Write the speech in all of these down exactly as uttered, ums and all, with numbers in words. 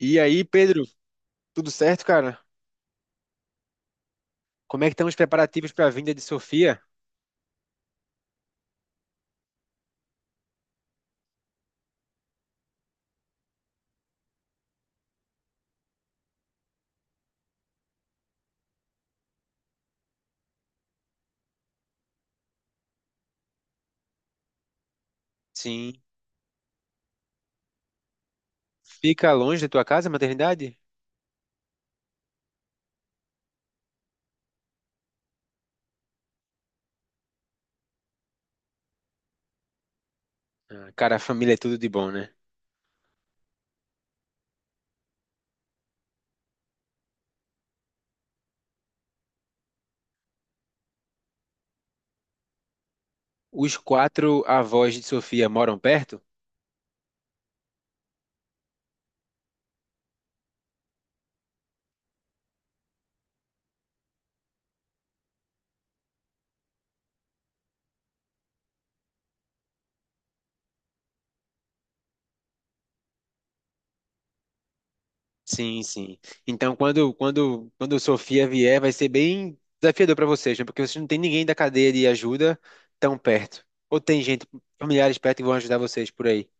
E aí, Pedro, tudo certo, cara? Como é que estão os preparativos para a vinda de Sofia? Sim. Fica longe da tua casa, a maternidade? Ah, cara, a família é tudo de bom, né? Os quatro avós de Sofia moram perto? Sim, sim. Então, quando quando quando Sofia vier, vai ser bem desafiador para vocês, né? Porque vocês não têm ninguém da cadeia de ajuda tão perto. Ou tem gente, familiares perto que vão ajudar vocês por aí.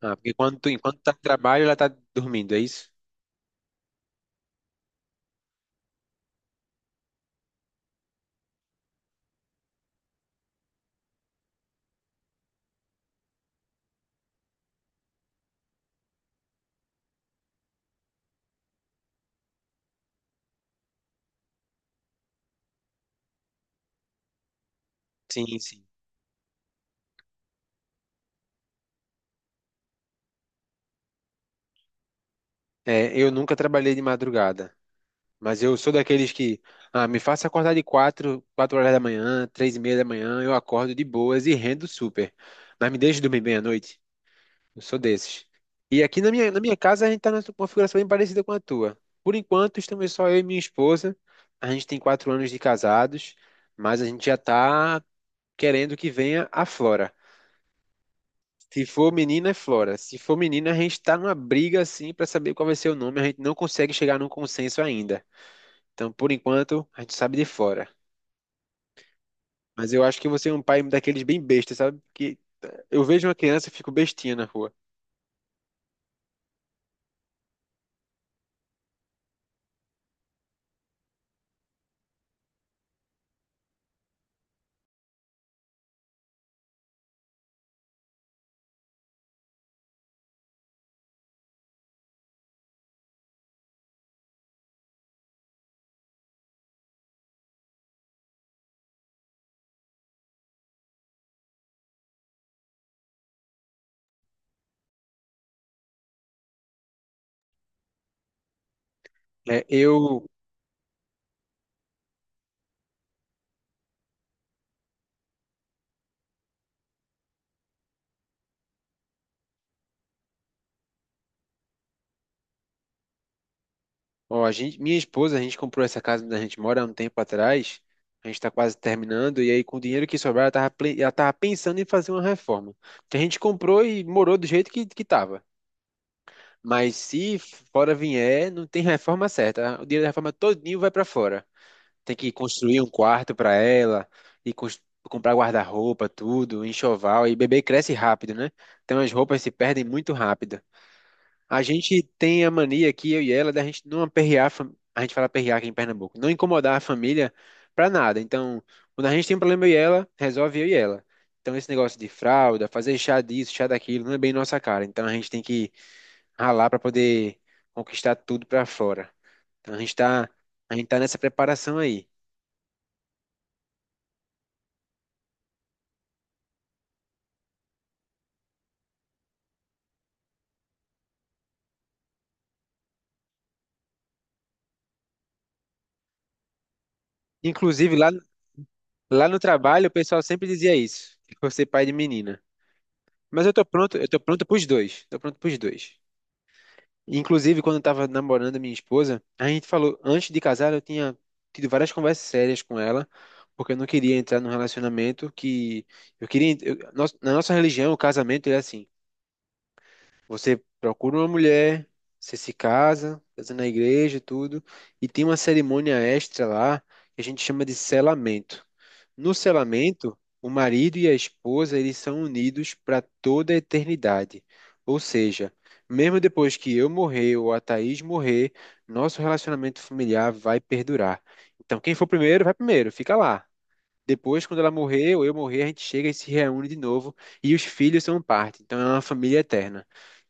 Ah, porque quando tu, enquanto tá no trabalho, ela tá dormindo, é isso? Sim, sim. É, eu nunca trabalhei de madrugada. Mas eu sou daqueles que, ah, me faça acordar de quatro, quatro horas da manhã, três e meia da manhã, eu acordo de boas e rendo super. Mas me deixe dormir bem à noite. Eu sou desses. E aqui na minha, na minha casa a gente está numa configuração bem parecida com a tua. Por enquanto, estamos só eu e minha esposa. A gente tem quatro anos de casados, mas a gente já está querendo que venha a Flora. Se for menina, é Flora. Se for menina, a gente está numa briga assim para saber qual vai ser o nome. A gente não consegue chegar num consenso ainda. Então, por enquanto, a gente sabe de fora. Mas eu acho que você é um pai daqueles bem besta, sabe? Que eu vejo uma criança e fico bestinha na rua. Né? Eu, ó, a gente, minha esposa, a gente comprou essa casa onde a gente mora há um tempo atrás. A gente tá quase terminando e aí com o dinheiro que sobrar, ela tava, ple- ela tava pensando em fazer uma reforma. Que a gente comprou e morou do jeito que, que tava. Mas se fora vier, não tem reforma certa. O dinheiro da reforma todinho vai para fora. Tem que construir um quarto para ela e cons- comprar guarda-roupa, tudo, enxoval. E bebê cresce rápido, né? Então as roupas se perdem muito rápido. A gente tem a mania aqui, eu e ela, da gente não aperrear, a fam- a gente fala aperrear aqui em Pernambuco, não incomodar a família para nada. Então, quando a gente tem um problema eu e ela, resolve eu e ela. Então, esse negócio de fralda, fazer chá disso, chá daquilo, não é bem nossa cara. Então, a gente tem que ralar para poder conquistar tudo para fora. Então, a gente tá, a gente tá nessa preparação aí. Inclusive, lá Lá no trabalho, o pessoal sempre dizia isso, que eu vou ser pai de menina. Mas eu tô pronto, eu tô pronto pros dois. Tô pronto pros dois. Inclusive, quando eu tava namorando a minha esposa, a gente falou, antes de casar, eu tinha tido várias conversas sérias com ela, porque eu não queria entrar num relacionamento que eu queria, eu- nós- na nossa religião, o casamento é assim, você procura uma mulher, você se casa, casa na igreja, e tudo, e tem uma cerimônia extra lá, que a gente chama de selamento. No selamento, o marido e a esposa eles são unidos para toda a eternidade. Ou seja, mesmo depois que eu morrer ou a Thaís morrer, nosso relacionamento familiar vai perdurar. Então, quem for primeiro, vai primeiro, fica lá. Depois, quando ela morrer ou eu morrer, a gente chega e se reúne de novo e os filhos são parte. Então, é uma família eterna.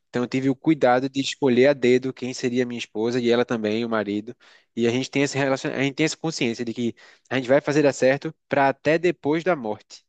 Então, eu tive o cuidado de escolher a dedo quem seria minha esposa e ela também, o marido. E a gente tem esse relacion... a gente tem essa consciência de que a gente vai fazer dar certo para até depois da morte.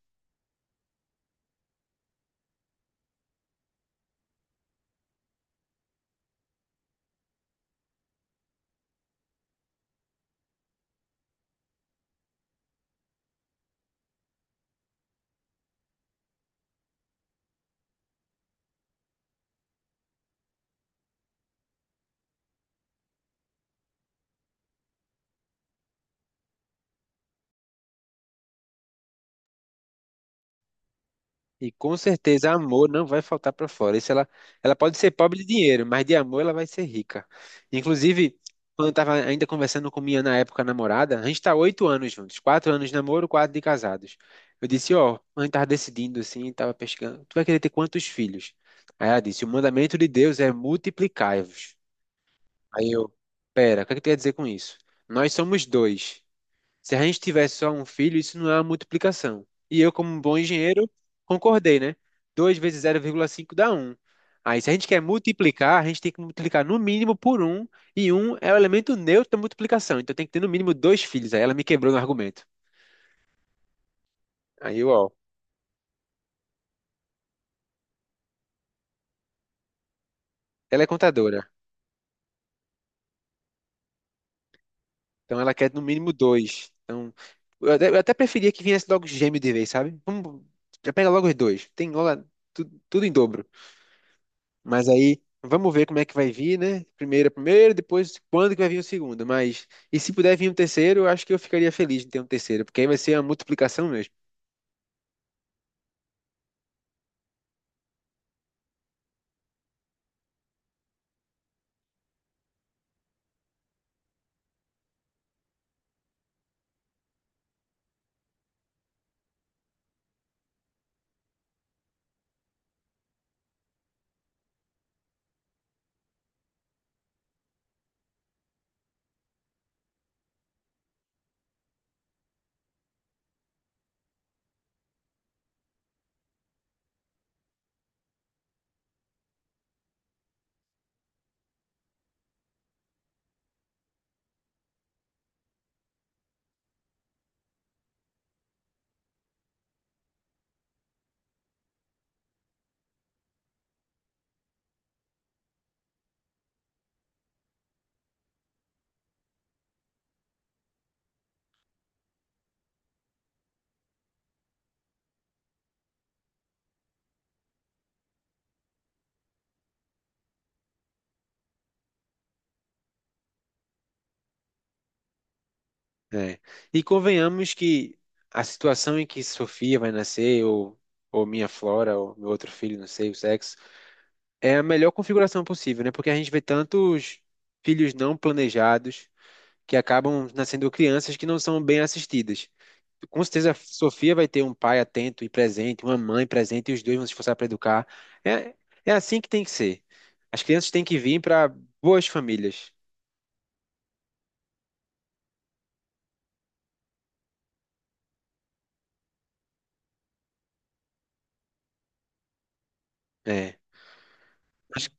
E com certeza amor não vai faltar para fora. Isso ela, ela pode ser pobre de dinheiro, mas de amor ela vai ser rica. Inclusive, quando eu estava ainda conversando com minha na época namorada, a gente está oito anos juntos, quatro anos de namoro, quatro de casados. Eu disse, ó, a gente estava decidindo assim, estava pescando, tu vai querer ter quantos filhos? Aí ela disse, o mandamento de Deus é multiplicai-vos. Aí eu, pera, o que é que tu quer dizer com isso? Nós somos dois. Se a gente tivesse só um filho, isso não é uma multiplicação. E eu, como um bom engenheiro, concordei, né? Dois vezes zero vírgula cinco dá um. Aí, se a gente quer multiplicar, a gente tem que multiplicar no mínimo por um e um é o elemento neutro da multiplicação. Então, tem que ter no mínimo dois filhos. Aí, ela me quebrou no argumento. Aí, eu, ó, ela é contadora, então ela quer no mínimo dois. Então, eu até, eu até preferia que viesse logo gêmeo de vez, sabe? Vamos, já pega logo os dois. Tem logo a- tu- tudo em dobro. Mas aí, vamos ver como é que vai vir, né? Primeiro, é primeiro, depois quando que vai vir o segundo. Mas, e se puder vir um terceiro, eu acho que eu ficaria feliz de ter um terceiro, porque aí vai ser uma multiplicação mesmo. É. E convenhamos que a situação em que Sofia vai nascer, ou, ou, minha Flora, ou meu outro filho, não sei o sexo, é a melhor configuração possível, né? Porque a gente vê tantos filhos não planejados que acabam nascendo crianças que não são bem assistidas. Com certeza, a Sofia vai ter um pai atento e presente, uma mãe presente, e os dois vão se esforçar para educar. É, é assim que tem que ser. As crianças têm que vir para boas famílias. É. Mas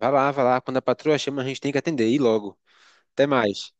vá lá, vá lá. Quando a patroa chama, a gente tem que atender. E logo. Até mais.